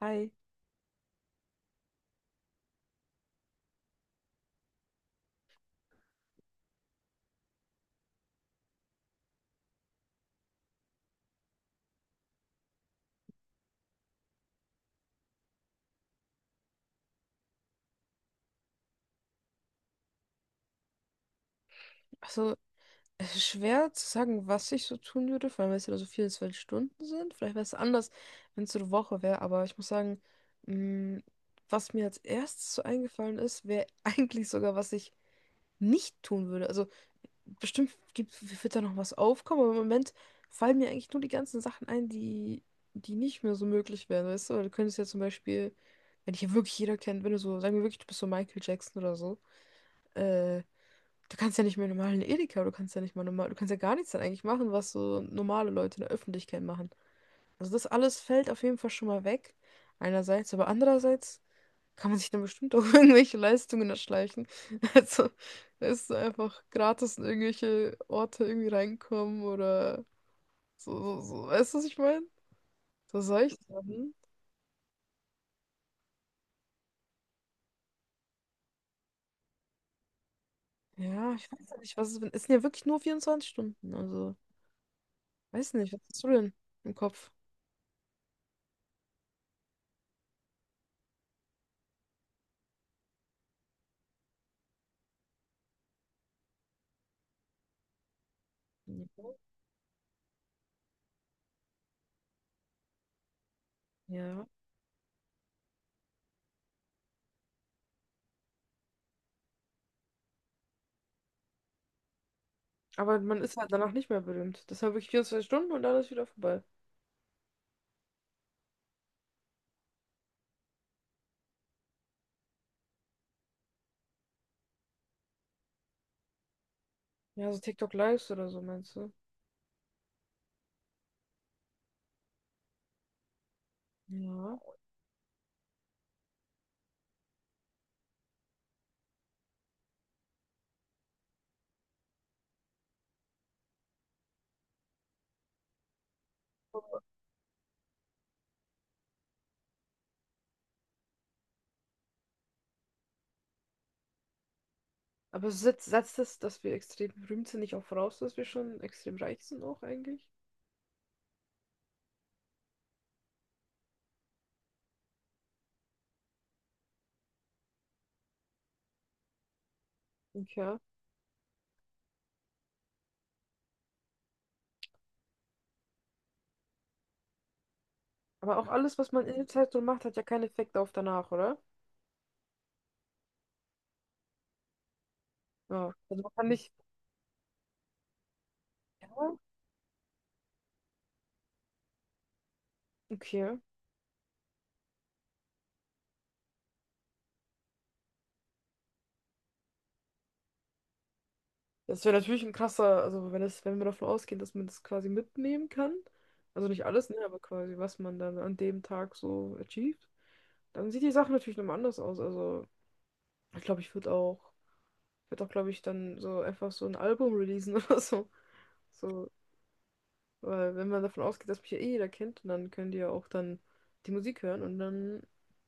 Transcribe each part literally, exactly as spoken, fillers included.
Hi. Also, es ist schwer zu sagen, was ich so tun würde, vor allem, weil es ja so vierundzwanzig Stunden sind. Vielleicht wäre es anders, wenn es so eine Woche wäre, aber ich muss sagen, mh, was mir als erstes so eingefallen ist, wäre eigentlich sogar, was ich nicht tun würde. Also, bestimmt gibt, wird da noch was aufkommen, aber im Moment fallen mir eigentlich nur die ganzen Sachen ein, die, die nicht mehr so möglich wären, weißt du? Weil du könntest ja zum Beispiel, wenn dich ja wirklich jeder kennt, wenn du so, sagen wir wirklich, du bist so Michael Jackson oder so. äh, Du kannst ja nicht mehr normal in den Edeka, du kannst ja nicht mal normal, du kannst ja gar nichts dann eigentlich machen, was so normale Leute in der Öffentlichkeit machen. Also das alles fällt auf jeden Fall schon mal weg, einerseits, aber andererseits kann man sich dann bestimmt auch irgendwelche Leistungen erschleichen. Also es ist einfach gratis in irgendwelche Orte irgendwie reinkommen oder so, so, so. Weißt du, was ich meine? So solche Sachen. Ja, ich weiß ja nicht, was es es sind ja wirklich nur vierundzwanzig Stunden, also weiß nicht, was hast du denn im Kopf? Ja. Aber man ist halt danach nicht mehr berühmt. Das war wirklich vierundzwanzig Stunden und dann ist wieder vorbei. Ja, so TikTok Lives oder so, meinst du? Ja. Aber setzt, setzt das, dass wir extrem berühmt sind, nicht auch voraus, dass wir schon extrem reich sind auch eigentlich? Okay. Aber auch alles, was man in der Zeit so macht, hat ja keinen Effekt auf danach, oder? Ja. Also man kann nicht. Ja, okay. Das wäre natürlich ein krasser, also wenn das, wenn wir davon ausgehen, dass man das quasi mitnehmen kann. Also nicht alles, ne, aber quasi, was man dann an dem Tag so achieved, dann sieht die Sache natürlich nochmal anders aus. Also ich glaube, ich würde auch, würde auch, glaube ich, dann so einfach so ein Album releasen oder so. So, weil wenn man davon ausgeht, dass mich ja eh jeder kennt, und dann können die ja auch dann die Musik hören und dann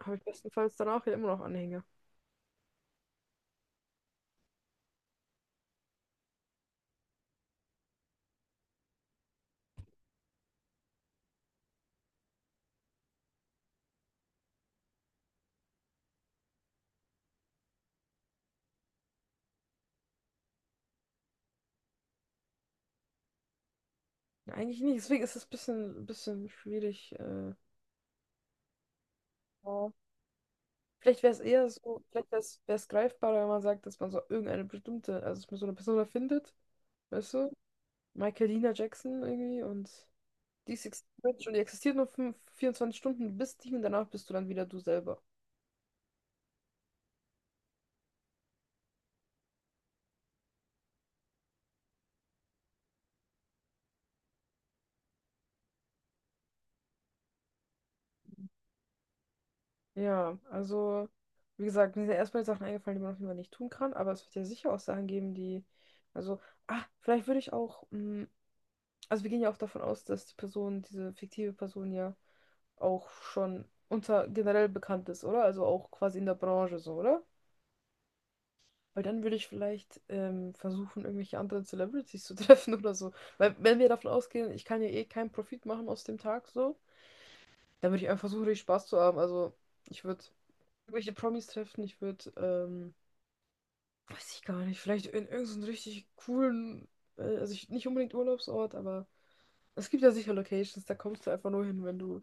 habe ich bestenfalls danach ja immer noch Anhänger. Ja, eigentlich nicht, deswegen ist es ein bisschen, bisschen schwierig. Äh, ja. Vielleicht wäre es eher so, vielleicht wäre es greifbarer, wenn man sagt, dass man so irgendeine bestimmte, also dass man so eine Person findet, weißt du? Michael Lina Jackson irgendwie und die ist existiert schon, die existiert nur fünf vierundzwanzig Stunden, du bist die und danach bist du dann wieder du selber. Ja, also, wie gesagt, mir sind erstmal Sachen eingefallen, die man auf jeden Fall nicht tun kann, aber es wird ja sicher auch Sachen geben, die, also, ah, vielleicht würde ich auch, mm, also wir gehen ja auch davon aus, dass die Person, diese fiktive Person ja auch schon unter generell bekannt ist, oder? Also auch quasi in der Branche so, oder? Weil dann würde ich vielleicht ähm, versuchen, irgendwelche anderen Celebrities zu treffen oder so. Weil wenn wir davon ausgehen, ich kann ja eh keinen Profit machen aus dem Tag so, dann würde ich einfach versuchen, richtig Spaß zu haben. Also ich würde irgendwelche Promis treffen. Ich würde, ähm, weiß ich gar nicht, vielleicht in irgendeinen richtig coolen, äh, also ich, nicht unbedingt Urlaubsort, aber es gibt ja sicher Locations, da kommst du einfach nur hin, wenn du,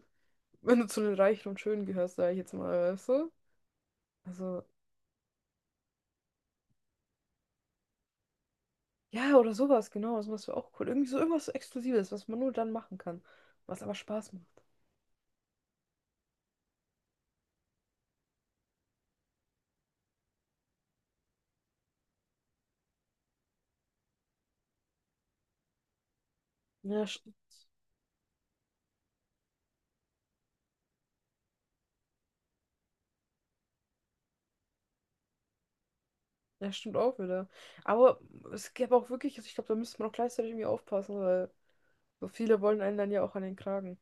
wenn du zu den Reichen und Schönen gehörst, sag ich jetzt mal, weißt du? Also, ja, oder sowas, genau, das wäre auch cool. Irgendwie so irgendwas Exklusives, was man nur dann machen kann, was aber Spaß macht. Ja, stimmt. Ja, stimmt auch wieder. Aber es gäbe auch wirklich, also ich glaube, da müsste man auch gleichzeitig irgendwie aufpassen, weil so viele wollen einen dann ja auch an den Kragen.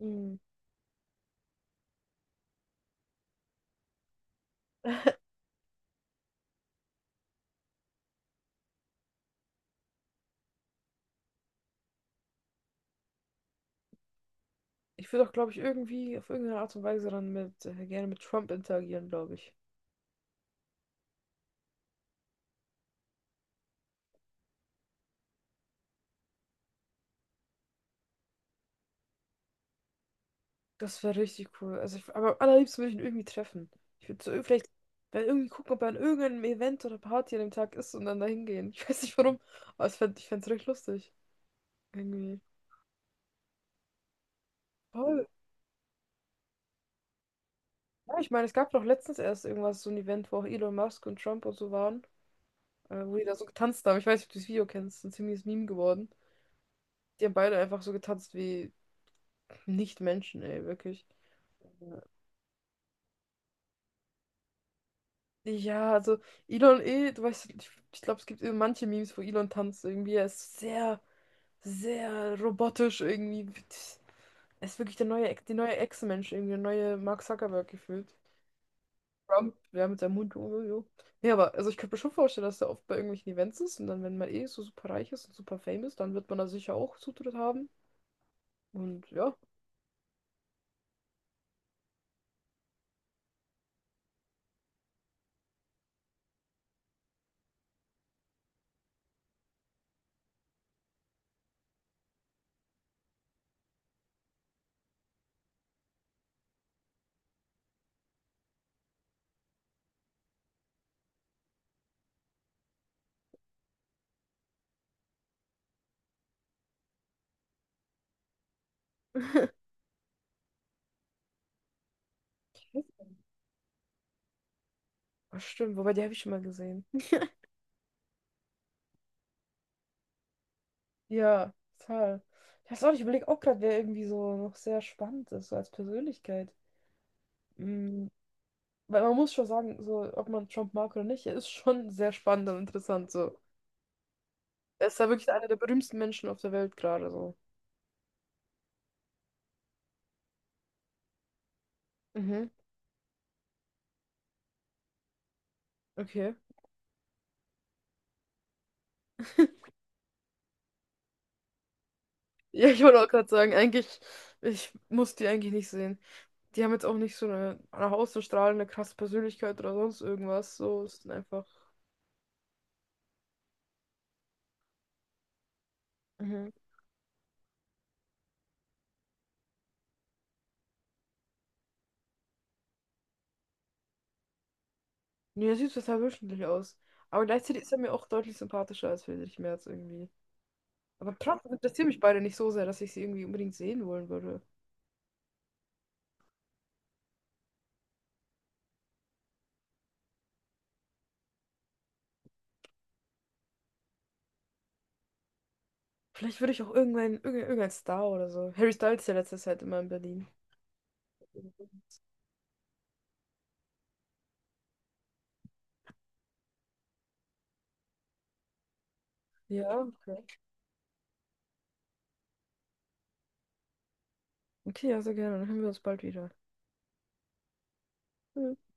Mm. Ich würde auch, glaube ich, irgendwie auf irgendeine Art und Weise dann mit, äh, gerne mit Trump interagieren, glaube ich. Das wäre richtig cool. Also ich, aber am allerliebsten würde ich ihn irgendwie treffen. Ich würde so ir- vielleicht wenn irgendwie gucken, ob er an irgendeinem Event oder Party an dem Tag ist und dann dahin gehen. Ich weiß nicht warum, aber ich fände, ich fände es recht lustig. Irgendwie. Voll. Ja, ich meine, es gab doch letztens erst irgendwas, so ein Event, wo auch Elon Musk und Trump und so waren, äh, wo die da so getanzt haben. Ich weiß nicht, ob du das Video kennst, ist ein ziemliches Meme geworden. Die haben beide einfach so getanzt wie Nicht-Menschen, ey, wirklich. Ja, also Elon eh, du weißt, ich, ich glaube, es gibt eh manche Memes, wo Elon tanzt irgendwie. Er ist sehr, sehr robotisch irgendwie. Er ist wirklich der neue, Ex- die neue Echsenmensch, irgendwie der neue Mark Zuckerberg gefühlt. Trump, ja, mit seinem Hund. Jo, jo, jo. Nee, aber also ich könnte mir schon vorstellen, dass er oft bei irgendwelchen Events ist und dann, wenn man eh so super reich ist und super fame ist, dann wird man da sicher auch Zutritt haben. Und ja, ich ah, stimmt, wobei die habe ich schon mal gesehen. Ja, total. Ich weiß auch nicht, ich überlege auch gerade, wer irgendwie so noch sehr spannend ist, so als Persönlichkeit. Mm, Weil man muss schon sagen, so, ob man Trump mag oder nicht, er ist schon sehr spannend und interessant, so. Er ist ja wirklich einer der berühmsten Menschen auf der Welt gerade, so. Mhm, okay. Ja, ich wollte auch gerade sagen, eigentlich, ich muss die eigentlich nicht sehen. Die haben jetzt auch nicht so eine nach außen strahlende, krasse Persönlichkeit oder sonst irgendwas, so, es sind einfach. Mhm. Nee, er sieht total durchschnittlich aus. Aber gleichzeitig ist er mir auch deutlich sympathischer als Friedrich Merz irgendwie. Aber trotzdem interessieren mich beide nicht so sehr, dass ich sie irgendwie unbedingt sehen wollen würde. Vielleicht würde ich auch irgendein, irgendein, irgendein Star oder so. Harry Styles ist ja letzte Zeit immer in Berlin. Ja, okay. Okay, ja, sehr gerne. Dann hören wir uns bald wieder. Tschüss.